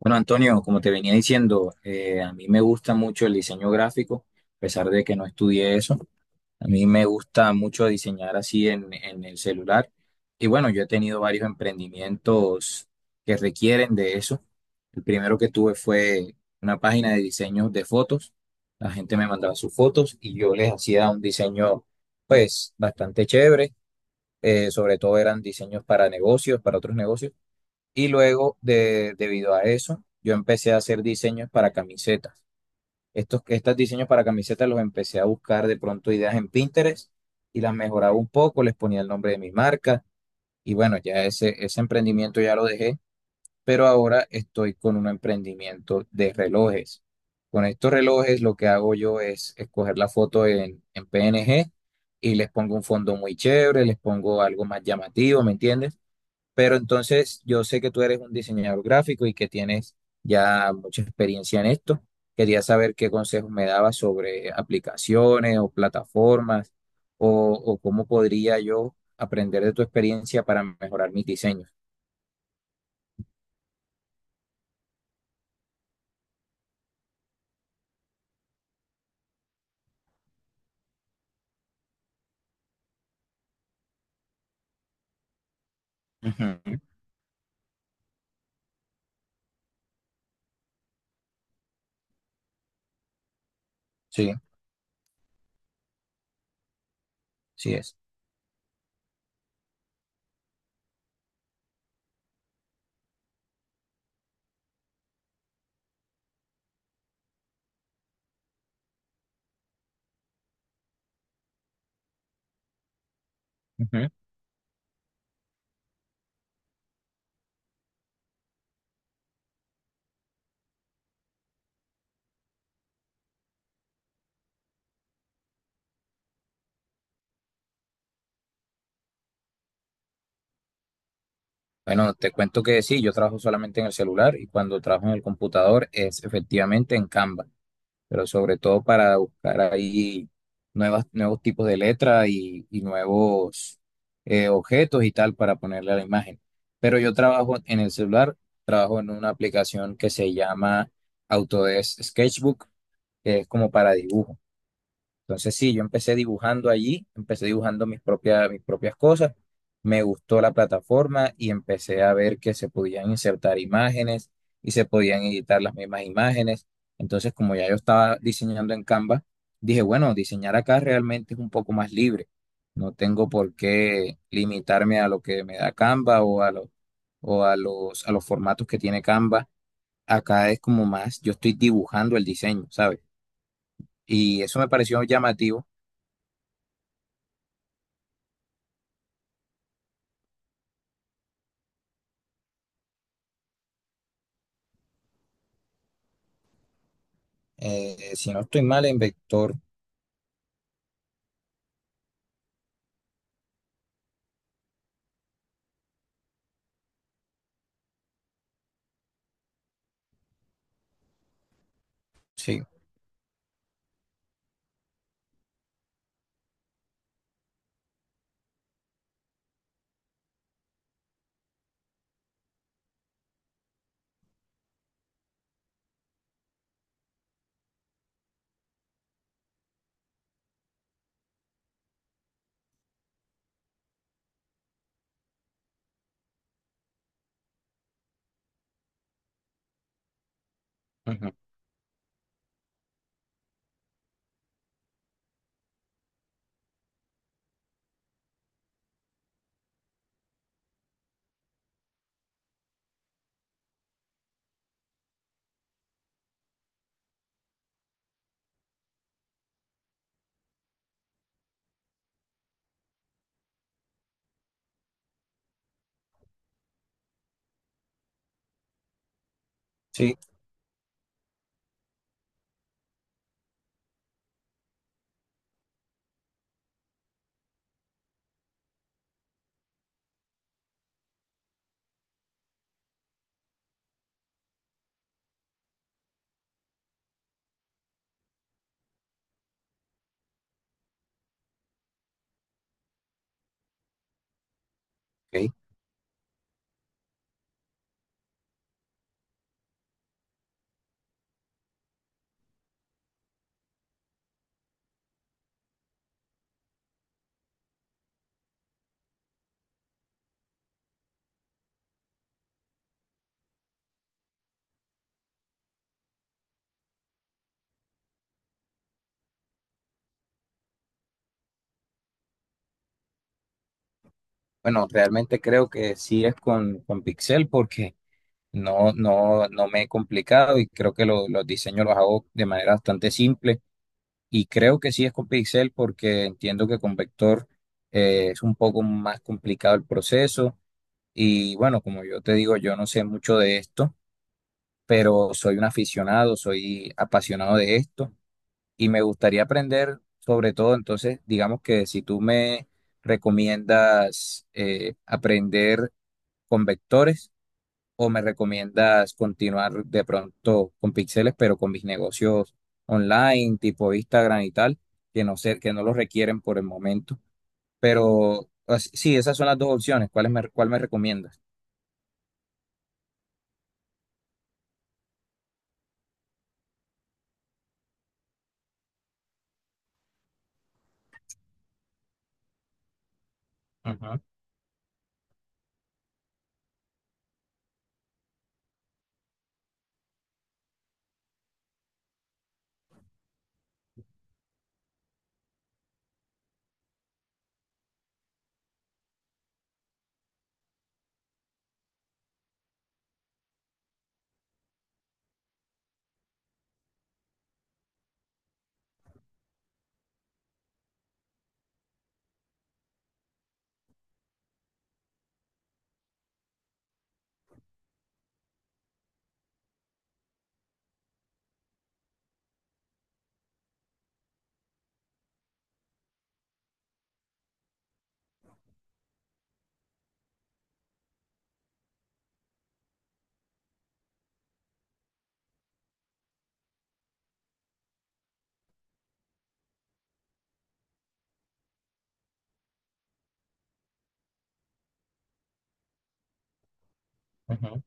Bueno, Antonio, como te venía diciendo, a mí me gusta mucho el diseño gráfico, a pesar de que no estudié eso. A mí me gusta mucho diseñar así en el celular. Y bueno, yo he tenido varios emprendimientos que requieren de eso. El primero que tuve fue una página de diseños de fotos. La gente me mandaba sus fotos y yo les hacía un diseño, pues, bastante chévere. Sobre todo eran diseños para negocios, para otros negocios. Y luego, debido a eso, yo empecé a hacer diseños para camisetas. Estos diseños para camisetas los empecé a buscar de pronto ideas en Pinterest y las mejoraba un poco, les ponía el nombre de mi marca y bueno, ese emprendimiento ya lo dejé, pero ahora estoy con un emprendimiento de relojes. Con estos relojes lo que hago yo es escoger la foto en PNG y les pongo un fondo muy chévere, les pongo algo más llamativo, ¿me entiendes? Pero entonces yo sé que tú eres un diseñador gráfico y que tienes ya mucha experiencia en esto. Quería saber qué consejos me dabas sobre aplicaciones o plataformas o cómo podría yo aprender de tu experiencia para mejorar mis diseños. Ujú. Sí, sí es. Ujú. Bueno, te cuento que sí, yo trabajo solamente en el celular y cuando trabajo en el computador es efectivamente en Canva, pero sobre todo para buscar ahí nuevos tipos de letra y nuevos objetos y tal para ponerle a la imagen. Pero yo trabajo en el celular, trabajo en una aplicación que se llama Autodesk Sketchbook, que es como para dibujo. Entonces sí, yo empecé dibujando allí, empecé dibujando mis propias cosas, me gustó la plataforma y empecé a ver que se podían insertar imágenes y se podían editar las mismas imágenes. Entonces como ya yo estaba diseñando en Canva, dije, bueno, diseñar acá realmente es un poco más libre. No tengo por qué limitarme a lo que me da Canva o o a a los formatos que tiene Canva. Acá es como más, yo estoy dibujando el diseño, ¿sabes? Y eso me pareció llamativo. Si no estoy mal, en vector, sí. Ujú. Sí, ok. Bueno, realmente creo que sí es con pixel porque no, no, no me he complicado y creo que los diseños los hago de manera bastante simple. Y creo que sí es con pixel porque entiendo que con vector es un poco más complicado el proceso. Y bueno, como yo te digo, yo no sé mucho de esto, pero soy un aficionado, soy apasionado de esto. Y me gustaría aprender sobre todo, entonces, digamos que si tú me recomiendas aprender con vectores o me recomiendas continuar de pronto con píxeles, pero con mis negocios online, tipo Instagram y tal, que no sé, que no los requieren por el momento. Pero sí, esas son las dos opciones. Cuál me recomiendas? Ujú, ujú.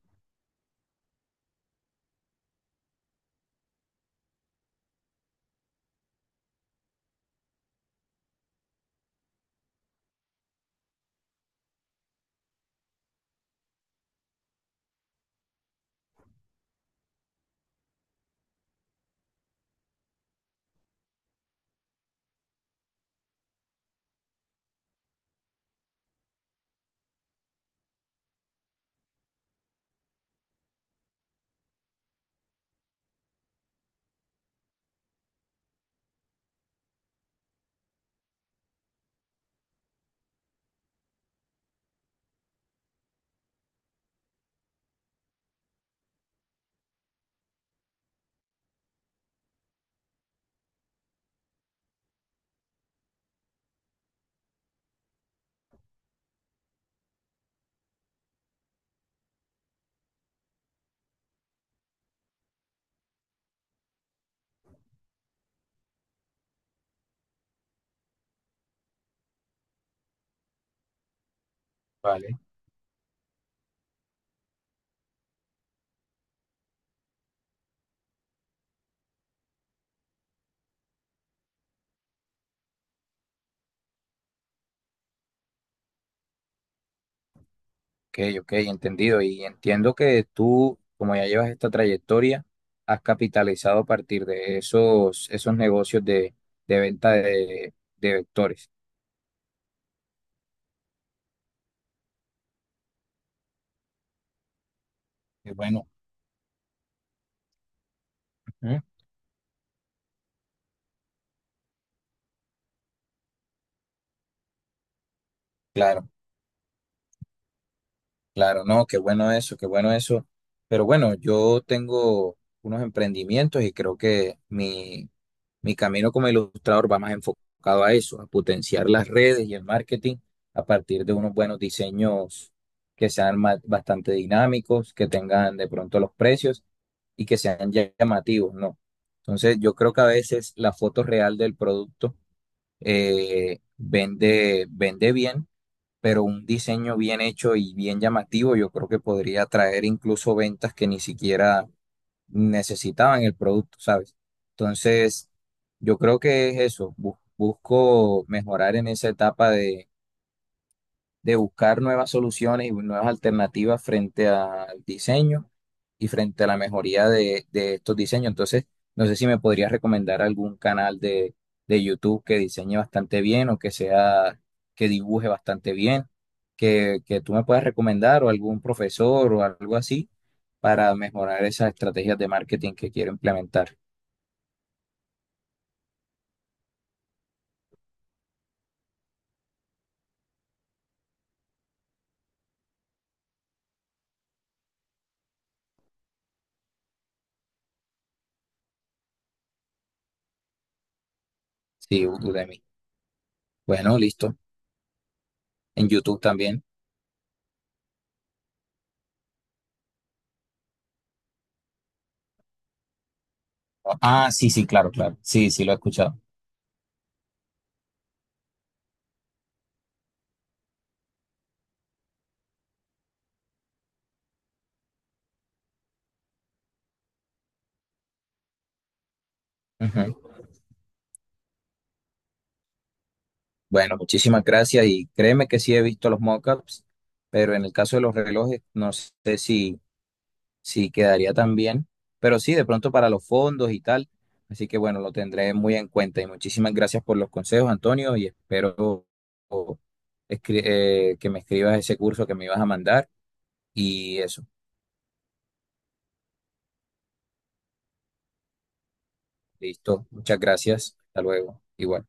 Vale. Ok, ok, entendido. Y entiendo que tú, como ya llevas esta trayectoria, has capitalizado a partir de esos negocios de venta de vectores. Qué bueno. Ujú. Claro, claro, no, qué bueno eso, qué bueno eso. Pero bueno, yo tengo unos emprendimientos y creo que mi camino como ilustrador va más enfocado a eso, a potenciar las redes y el marketing a partir de unos buenos diseños que sean bastante dinámicos, que tengan de pronto los precios y que sean llamativos, ¿no? Entonces, yo creo que a veces la foto real del producto vende, vende bien, pero un diseño bien hecho y bien llamativo, yo creo que podría traer incluso ventas que ni siquiera necesitaban el producto, ¿sabes? Entonces, yo creo que es eso, busco mejorar en esa etapa de buscar nuevas soluciones y nuevas alternativas frente al diseño y frente a la mejoría de estos diseños. Entonces, no sé si me podrías recomendar algún canal de YouTube que diseñe bastante bien o que sea, que dibuje bastante bien, que tú me puedas recomendar o algún profesor o algo así para mejorar esas estrategias de marketing que quiero implementar. Sí, Udemy. Bueno, listo. En YouTube también. Ah, sí, sí, claro, claro. Sí, sí, lo he escuchado. Ujú. Bueno, muchísimas gracias y créeme que sí he visto los mockups, pero en el caso de los relojes no sé si, si quedaría tan bien, pero sí, de pronto para los fondos y tal. Así que bueno, lo tendré muy en cuenta y muchísimas gracias por los consejos, Antonio, y espero o, que me escribas ese curso que me ibas a mandar y eso. Listo, muchas gracias. Hasta luego. Igual.